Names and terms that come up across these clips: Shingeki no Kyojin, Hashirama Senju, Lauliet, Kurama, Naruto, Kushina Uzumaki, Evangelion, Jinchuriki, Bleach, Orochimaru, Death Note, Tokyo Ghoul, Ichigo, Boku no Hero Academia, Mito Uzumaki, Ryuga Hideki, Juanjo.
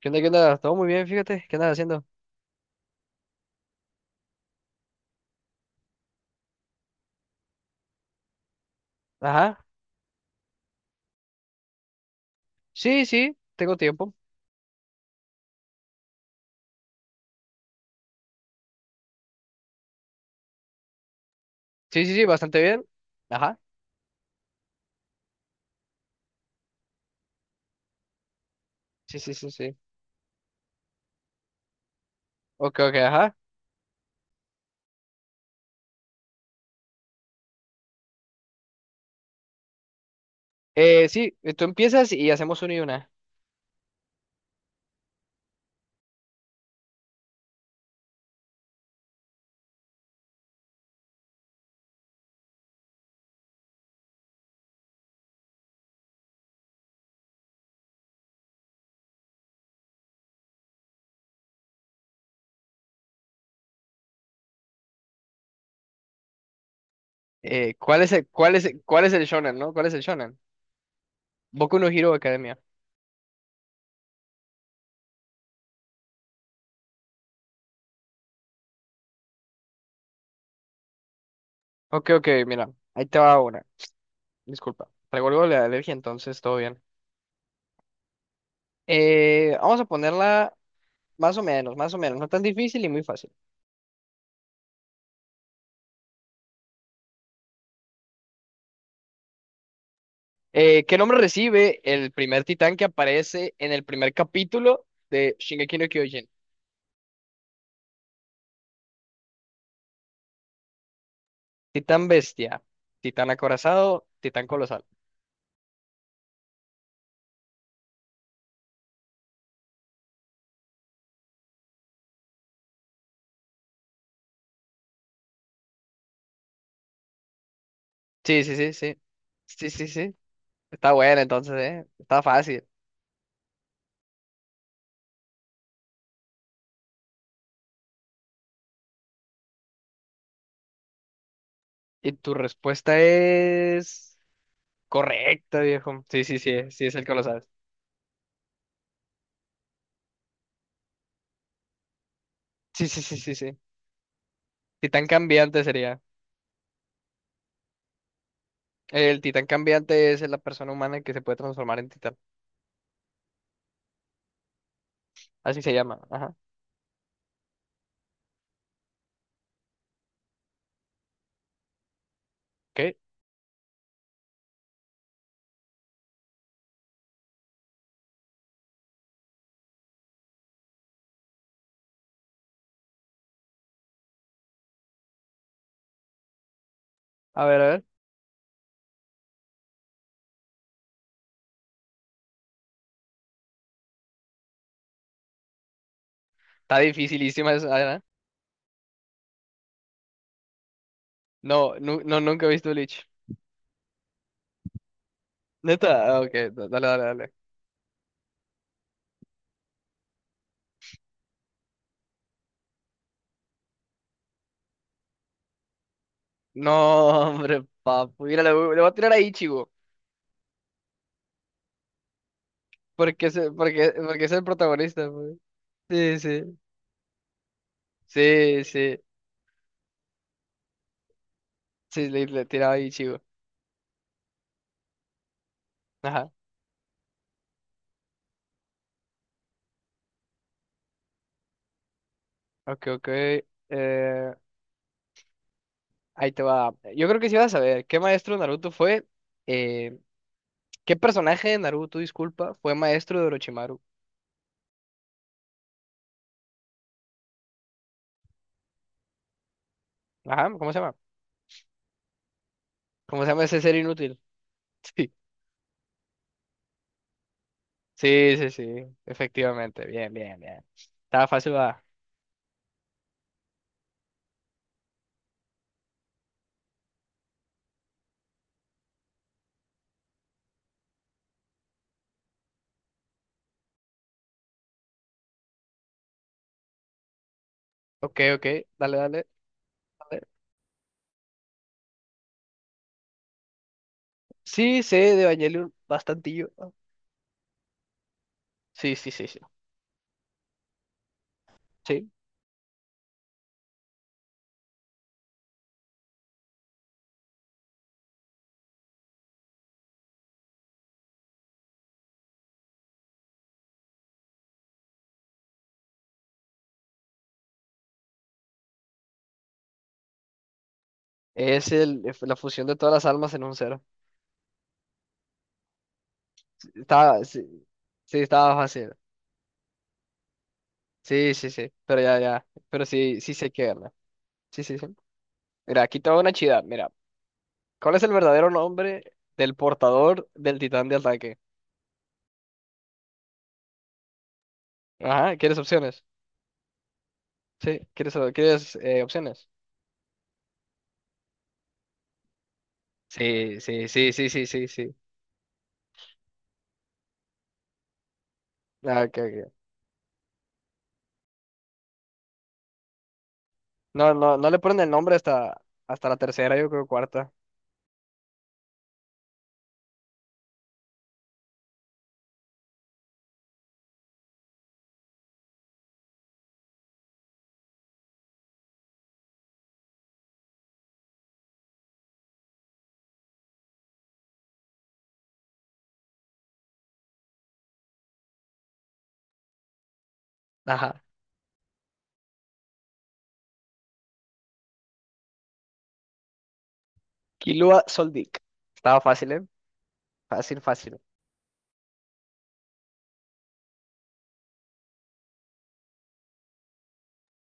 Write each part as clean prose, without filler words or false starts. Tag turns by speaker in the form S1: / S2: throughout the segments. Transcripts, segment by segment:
S1: ¿Qué onda? ¿Qué onda? Todo muy bien, fíjate. ¿Qué andas haciendo? Ajá. Sí, sí, tengo tiempo. Sí, sí, sí, bastante bien. Ajá. Sí, sí, sí, sí. Ok, ok, ajá. Sí, tú empiezas y hacemos una y una. ¿Cuál es cuál es el shonen, no? ¿Cuál es el shonen? Boku no Hero Academia. Ok, ok, mira. Ahí te va una. Disculpa. Traigo algo de la alergia, entonces todo bien. Vamos a ponerla más o menos, más o menos. No tan difícil y muy fácil. ¿Qué nombre recibe el primer titán que aparece en el primer capítulo de Shingeki no Kyojin? Titán bestia, titán acorazado, titán colosal. Sí, sí, sí, sí. Sí, sí, sí. Está bueno entonces, ¿eh? Está fácil. Y tu respuesta es correcta, viejo. Sí, sí, sí, sí es el colosal. Sí, sí, sí, sí, sí. Titán cambiante sería. El titán cambiante es la persona humana que se puede transformar en titán. Así se llama. Ajá. ¿Qué? A ver, a ver. Está dificilísima esa, ¿eh? No, no, nunca he visto Bleach. ¿Neta? Ah, ok, dale, dale, dale. No, hombre, papu. Mira, le voy a tirar a Ichigo. Porque es, porque, porque es el protagonista, pues. Sí, sí. Sí, sí. Sí, le tiraba a Ichigo. Ajá. Ok, ok. Eh, Ahí te va. Yo creo que sí vas a saber. ¿Qué maestro de Naruto fue? Eh, ¿Qué personaje de Naruto, disculpa, fue maestro de Orochimaru? Ajá, ¿cómo se llama? ¿Cómo se llama ese ser inútil? Sí. Sí, sí, sí. Efectivamente. Bien, bien, bien. Estaba fácil, va. Ok, ok, dale, dale, dale. Sí, sé de Evangelion bastantillo. Sí, sí, sí, sí. Sí. Es el, es la fusión de todas las almas en un cero. Estaba, sí, sí, estaba fácil. Sí, sí, sí. Pero ya, ya. Pero sí, sí sé que verla. Sí, sí, sí. Mira, aquí te va una chida. Mira, ¿cuál es el verdadero nombre del portador del titán de ataque? Ajá, ¿quieres opciones? Sí, ¿quieres opciones? Sí, sí, sí, sí, sí, sí, sí. Ah, ok, ok. No, no, no le ponen el nombre hasta, hasta la tercera, yo creo, cuarta. Ajá. Kilua Soldic. Estaba fácil, ¿eh? Fácil, fácil.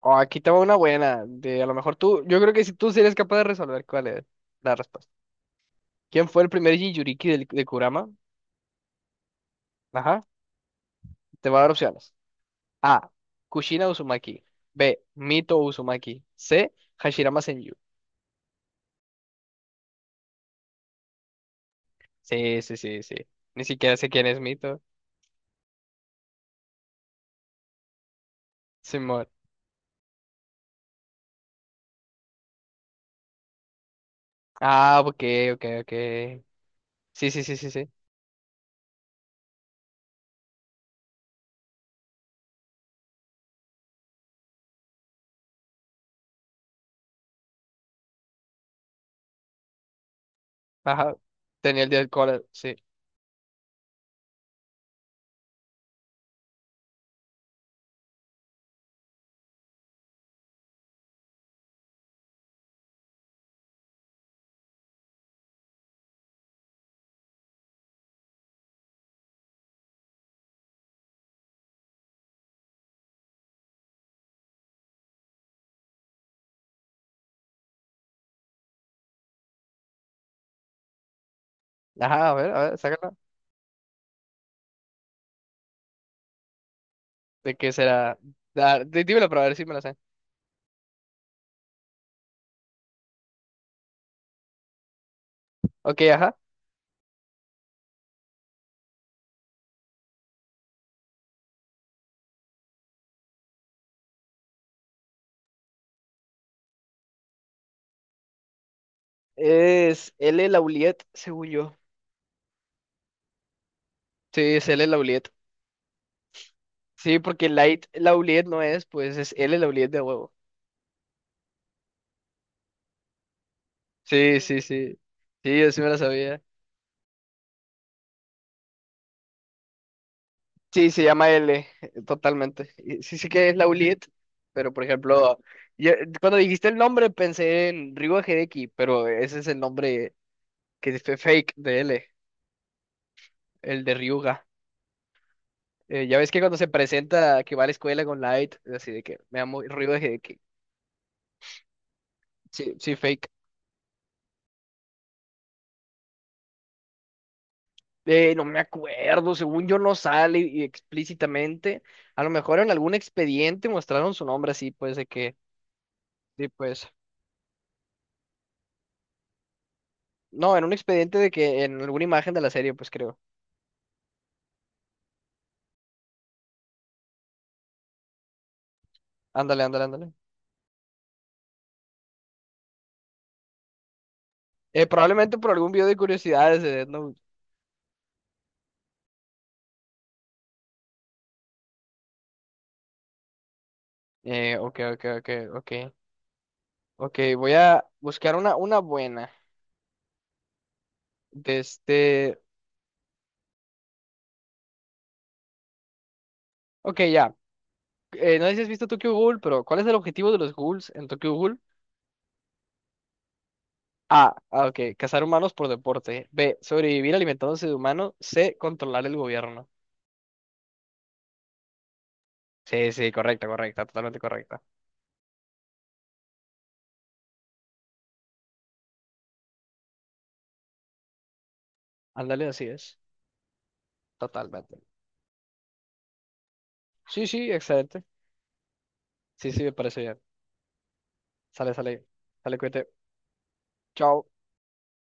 S1: Oh, aquí tengo una buena. De a lo mejor tú. Yo creo que si tú sí eres capaz de resolver cuál es la respuesta. ¿Quién fue el primer Jinchuriki de Kurama? Ajá. Te va a dar opciones. A. Kushina Uzumaki. B. Mito Uzumaki. C. Hashirama Senju. Sí, sí, sí, sí. Ni siquiera sé quién es Mito. Simón. Ah, ok, ok, ok. Sí, sí, sí, sí, sí. Ajá. Tenía el día del cólera. Sí. Ajá, a ver, sácala. ¿De qué será? Dímelo para ver si me lo sé. Ok, ajá. Es L. Lauliet, según yo. Sí, es L. Lauliet. Sí, porque Light Lauliet no es, pues es L. Lauliet de huevo. Sí, sí, sí. Sí, yo sí me lo sabía. Sí, se llama L, totalmente. Y sí, sí que es Lauliet, pero por ejemplo, yo- cuando dijiste el nombre pensé en Ryuga Hideki, pero ese es el nombre que es fake de L, el de Ryuga. Ya ves que cuando se presenta que va a la escuela con Light, así de que me da muy ruido de que sí, sí, fake. No me acuerdo, según yo no sale y explícitamente. A lo mejor en algún expediente mostraron su nombre así, pues de que, sí, pues. No, en un expediente de que en alguna imagen de la serie, pues creo. Ándale, ándale, ándale. Probablemente por algún video de curiosidades de Death Note. Ok, ok, ok, ok. Ok, voy a buscar una buena. De este. Ok, ya. No sé si has visto Tokyo Ghoul, pero ¿cuál es el objetivo de los ghouls en Tokyo Ghoul? A, ah, ok, cazar humanos por deporte. B, sobrevivir alimentándose de humanos. C, controlar el gobierno. Sí, sí, correcta, correcta, totalmente correcta. Ándale, así es. Totalmente. Sí, sí, excelente. Sí, sí, me parece bien. Sale, sale. Sale, cuídate. Chao.